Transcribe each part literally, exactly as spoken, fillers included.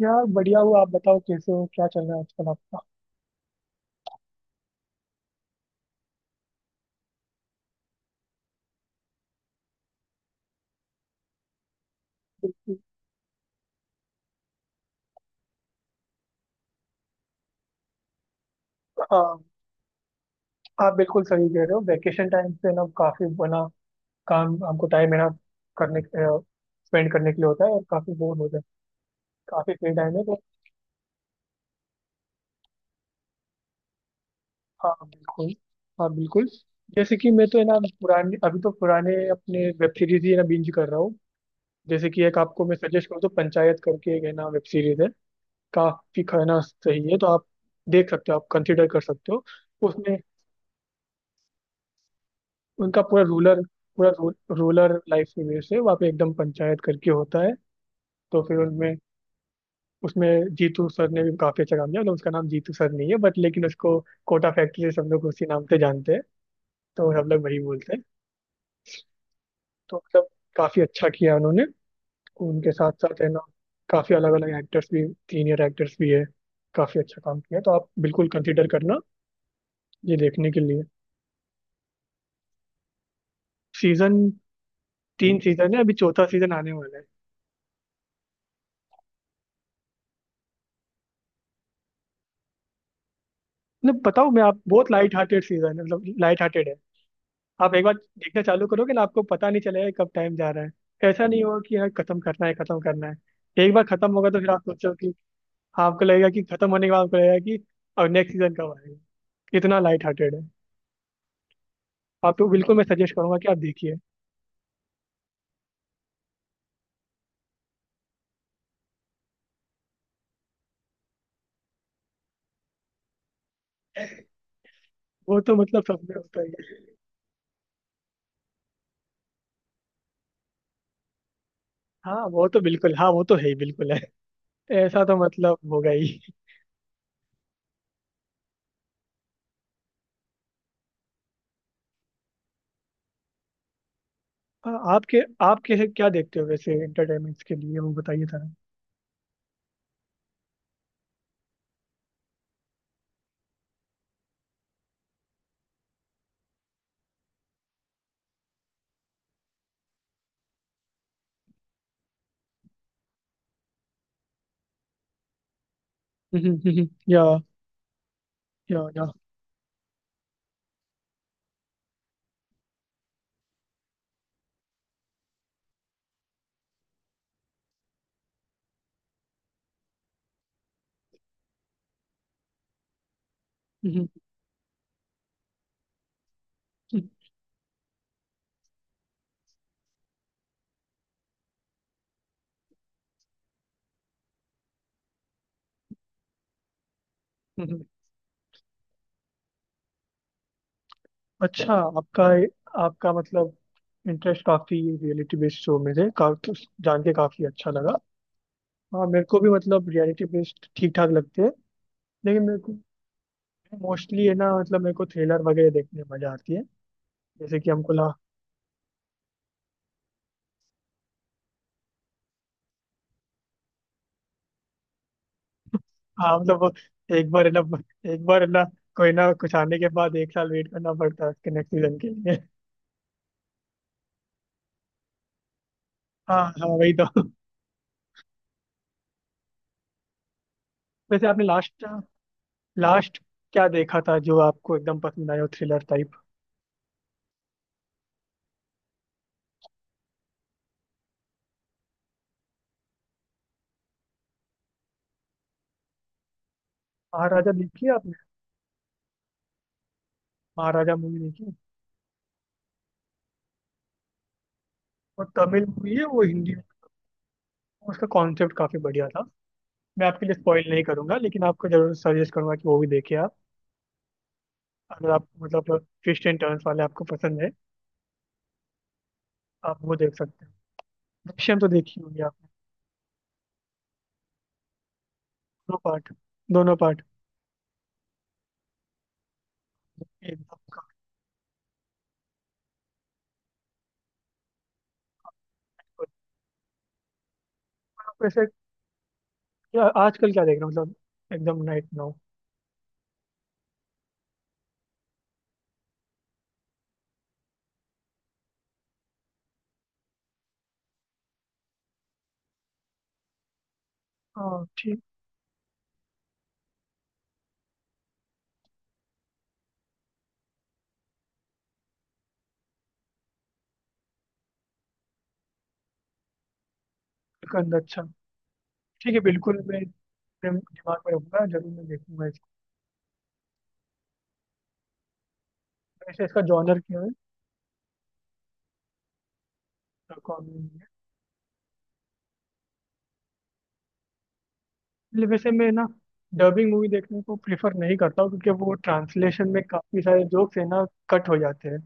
यार, बढ़िया हुआ। आप बताओ, कैसे हो? क्या चल रहा है आजकल आपका? हाँ। आप बिल्कुल सही कह रहे हो। वैकेशन टाइम पे ना काफी बना काम हमको टाइम है ना करने स्पेंड करने के लिए होता है और काफी बोर हो जाए। काफी फ्री टाइम है तो। हाँ, बिल्कुल। हाँ, बिल्कुल। जैसे कि मैं तो है ना, पुराने अभी तो पुराने अपने वेब सीरीज ही है ना बिंज कर रहा हूँ। जैसे कि एक आपको मैं सजेस्ट करूँ तो पंचायत करके एक है ना वेब सीरीज है। काफी खाना सही है तो आप देख सकते हो, आप कंसिडर कर सकते हो। उसमें उनका पूरा रूलर पूरा रू, रूलर लाइफ की वजह से वहाँ पे एकदम पंचायत करके होता है। तो फिर उनमें उसमें जीतू सर ने भी काफी अच्छा काम किया, मतलब उसका नाम जीतू सर नहीं है बट लेकिन उसको कोटा फैक्ट्री से सब लोग उसी नाम से जानते हैं। तो सब लोग वही बोलते हैं। तो मतलब काफी अच्छा किया उन्होंने। उनके साथ साथ है ना काफी अलग अलग एक्टर्स भी, सीनियर एक्टर्स भी है। काफी अच्छा काम किया, तो आप बिल्कुल कंसिडर करना ये देखने के लिए। सीजन तीन सीजन है, अभी चौथा सीजन आने वाला है। मतलब बताओ, मैं आप बहुत लाइट हार्टेड सीजन है, मतलब लाइट हार्टेड है। आप एक बार देखना चालू करोगे ना, आपको पता नहीं चलेगा कि कब टाइम जा रहा है। ऐसा नहीं होगा कि यार खत्म करना है, खत्म करना है। एक बार खत्म होगा तो फिर आप सोचो कि आपको लगेगा कि खत्म होने के बाद आपको लगेगा कि अब नेक्स्ट सीजन कब आएगा। इतना लाइट हार्टेड है। आपको बिल्कुल मैं सजेस्ट करूंगा कि आप देखिए। वो तो मतलब सब में होता ही है। हाँ, वो तो बिल्कुल। हाँ, वो तो है ही, बिल्कुल है। ऐसा तो मतलब होगा ही। आ- आपके आप कैसे क्या देखते हो वैसे एंटरटेनमेंट के लिए, वो बताइए था? या या या हम्म। हम्म। हम्म। अच्छा, आपका आपका मतलब इंटरेस्ट काफी रियलिटी बेस्ड शो में थे का, तो जान के काफी अच्छा लगा। हाँ, मेरे को भी मतलब रियलिटी बेस्ड ठीक ठाक लगते हैं। लेकिन मेरे को मोस्टली है ना, मतलब मेरे को थ्रिलर वगैरह देखने में मजा आती है। जैसे कि हमको ला। हाँ, मतलब वो एक बार है ना एक बार है ना कोई ना कुछ आने के बाद एक साल वेट करना पड़ता है उसके नेक्स्ट सीजन के लिए। हाँ, हाँ, वही तो। वैसे आपने लास्ट लास्ट क्या देखा था जो आपको एकदम पसंद आया हो, थ्रिलर टाइप? महाराजा देखी है आपने? महाराजा मूवी देखी? वो तमिल मूवी है, वो हिंदी में। उसका कॉन्सेप्ट काफी बढ़िया था। मैं आपके लिए स्पॉइल नहीं करूंगा, लेकिन आपको जरूर सजेस्ट करूंगा कि वो भी देखिए आप। अगर आप मतलब ट्विस्ट एंड टर्न्स वाले आपको पसंद है, आप वो देख सकते हो। दृश्यम तो देखी होगी आपने? दोनों पार्ट दोनों पार्ट एकदम काफी बढ़िया। आप वैसे क्या आजकल क्या देख रहे हो मतलब, एकदम नाइट नाउ? हाँ, ठीक। कंद, अच्छा। ठीक है, बिल्कुल मैं अपने दिमाग में रखूंगा, जरूर मैं देखूंगा इसको। वैसे इसका जॉनर क्या है? कॉमेडी। इसलिए वैसे मैं ना डबिंग मूवी देखने को प्रेफर नहीं करता हूँ, क्योंकि वो ट्रांसलेशन में काफ़ी सारे जोक्स है ना कट हो जाते हैं।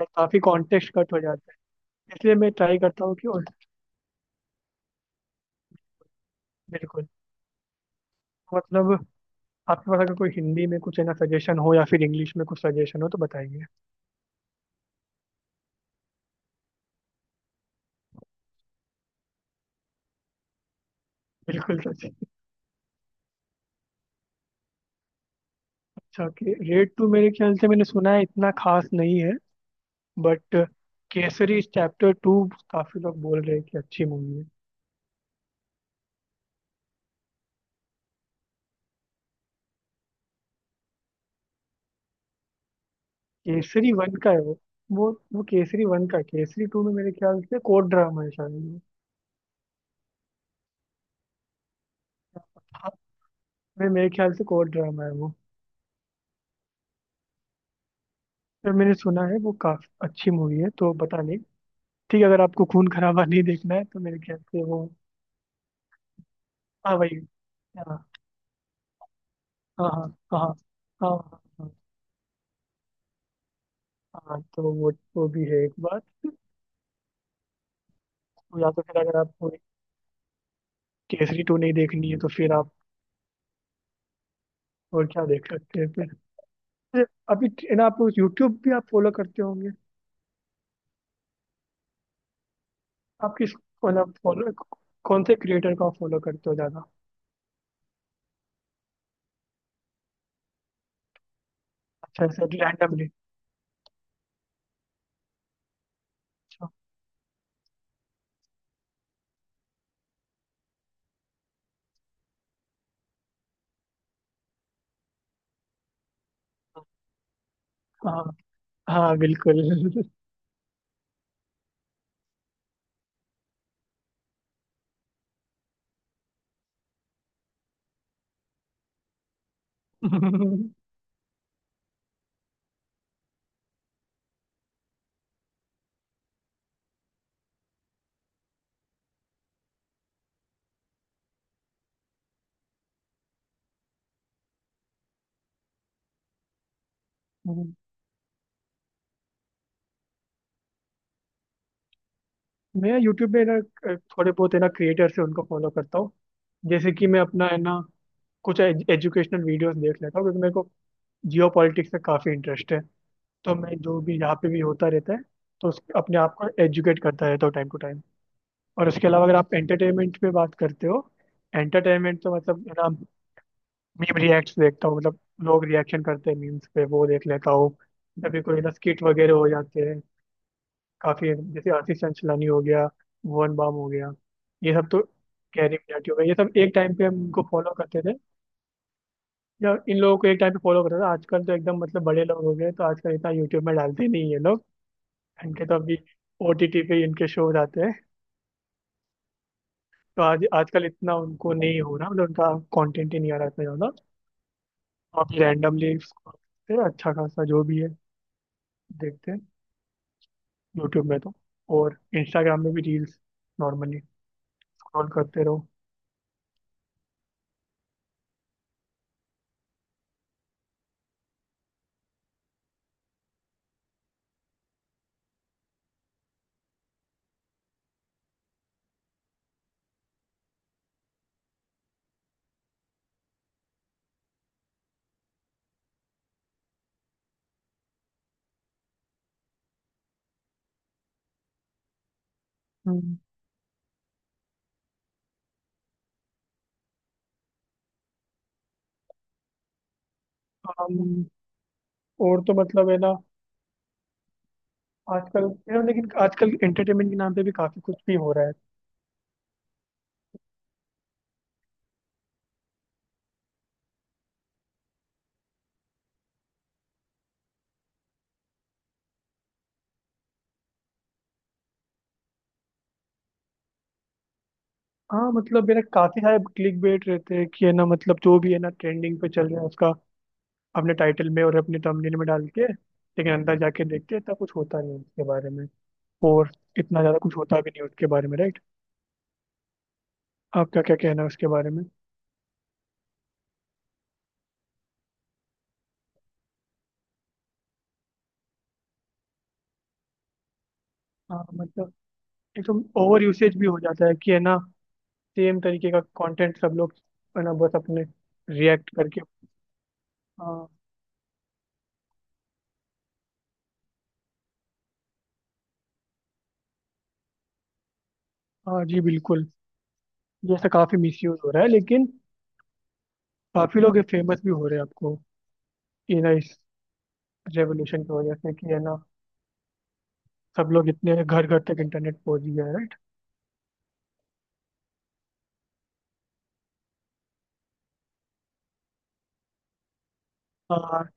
और काफ़ी कॉन्टेक्स्ट कट हो जाते हैं। इसलिए मैं ट्राई करता हूँ कि और बिल्कुल, मतलब आपके पास अगर कोई हिंदी में कुछ है ना सजेशन हो, या फिर इंग्लिश में कुछ सजेशन हो, तो बताइए। बिल्कुल सच। अच्छा कि रेड टू मेरे ख्याल से मैंने सुना है इतना खास नहीं है। बट केसरी चैप्टर टू काफ़ी लोग बोल रहे हैं कि अच्छी मूवी है। केसरी वन का है वो। वो वो केसरी वन का है। केसरी टू में मेरे ख्याल से कोर्ट ड्रामा है शायद वो। हाँ, मेरे मेरे ख्याल से कोर्ट ड्रामा है वो। पर मैंने सुना है वो काफी अच्छी मूवी है, तो पता नहीं। ठीक है, अगर आपको खून खराबा नहीं देखना है तो मेरे ख्याल से वो। हाँ, भाई। हाँ, हाँ, हाँ, हाँ, हाँ, हाँ। हाँ, तो वो वो भी है एक बात। तो या तो फिर अगर आपको केसरी टू नहीं देखनी है, तो फिर आप और क्या देख सकते हैं फिर अभी। ना, आप यूट्यूब भी आप फॉलो करते होंगे। आप किस, मतलब फॉलो, कौन से क्रिएटर को फॉलो करते हो ज्यादा? अच्छा, ऐसे रैंडमली? अच्छा। हाँ, हाँ, बिल्कुल। हम्म। मैं यूट्यूब पे ना अ, थोड़े बहुत है ना क्रिएटर्स हैं, उनको फॉलो करता हूँ। जैसे कि मैं अपना है ना, कुछ एजुकेशनल वीडियोस देख लेता हूँ, क्योंकि मेरे को जियो पॉलिटिक्स में काफ़ी इंटरेस्ट है। तो मैं जो भी यहाँ पे भी होता रहता है, तो उस अपने आप को एजुकेट करता रहता हूँ टाइम टू टाइम। और उसके अलावा अगर आप एंटरटेनमेंट पे बात करते हो, एंटरटेनमेंट तो मतलब है ना। मीम रिएक्ट देखता हूँ, मतलब लोग रिएक्शन करते हैं मीम्स पे, वो देख लेता हूँ। कभी कोई ना स्किट वगैरह हो जाते हैं। काफी, जैसे आशीष चंचलानी हो गया, भुवन बाम हो गया, ये सब तो। गहरी मिनाटी हो गया, ये सब एक टाइम पे हम इनको फॉलो करते थे। या इन लोगों को एक टाइम पे फॉलो करते थे। आजकल तो एकदम मतलब बड़े लोग हो गए, तो आजकल इतना यूट्यूब में डालते नहीं ये लोग। इनके तो अभी ओटीटी पे इनके शोज आते हैं। तो आज आजकल इतना उनको नहीं हो रहा, मतलब उनका कंटेंट ही नहीं आ रहा इतना ज्यादा। अभी रैंडमली अच्छा खासा जो भी है देखते हैं यूट्यूब में तो। और इंस्टाग्राम में भी रील्स नॉर्मली स्क्रॉल करते रहो। हम्म हम और तो मतलब है ना, आजकल। यार, लेकिन आजकल एंटरटेनमेंट के नाम पे भी काफी कुछ भी हो रहा है। हाँ, मतलब मेरा काफी सारे क्लिक बेट रहते हैं कि है ना, मतलब जो भी है ना ट्रेंडिंग पे चल रहा है उसका अपने टाइटल में और अपने थंबनेल में डाल के, लेकिन अंदर जाके देखते हैं इतना कुछ होता नहीं है उसके बारे में। और इतना ज्यादा कुछ होता भी नहीं है उसके बारे में, राइट? आपका क्या कहना है उसके बारे में? हाँ, मतलब एकदम ओवर यूसेज भी हो जाता है कि है ना। सेम तरीके का कंटेंट सब लोग है ना, बस अपने रिएक्ट करके। हाँ, हाँ जी, बिल्कुल। ये ऐसा काफी मिसयूज हो रहा है, लेकिन काफी लोग फेमस भी हो रहे हैं आपको। ये ना इस रेवोल्यूशन की वजह से, कि है ना। सब लोग इतने घर घर तक इंटरनेट पहुंच गया है, राइट? हाँ,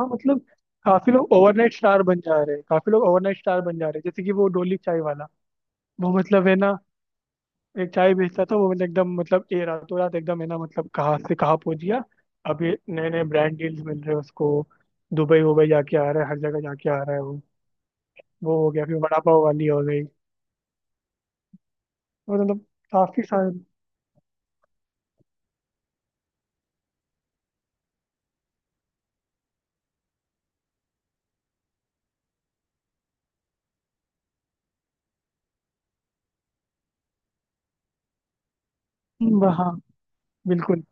हाँ, मतलब काफी लोग ओवरनाइट स्टार बन जा रहे हैं, काफी लोग ओवरनाइट स्टार बन जा रहे हैं, जैसे कि वो डोली चाय वाला। वो मतलब है ना, एक चाय बेचता था वो, मतलब एकदम, मतलब ए रातों रात एकदम है ना, मतलब कहाँ से कहाँ पहुंच गया। अभी नए नए ब्रांड डील्स मिल रहे हैं उसको। दुबई वुबई जाके आ रहा है, हर जगह जाके आ रहा है वो। वो हो गया, फिर वड़ा पाव वाली हो गई। और मतलब काफी सारे ब- हाँ, बिल्कुल।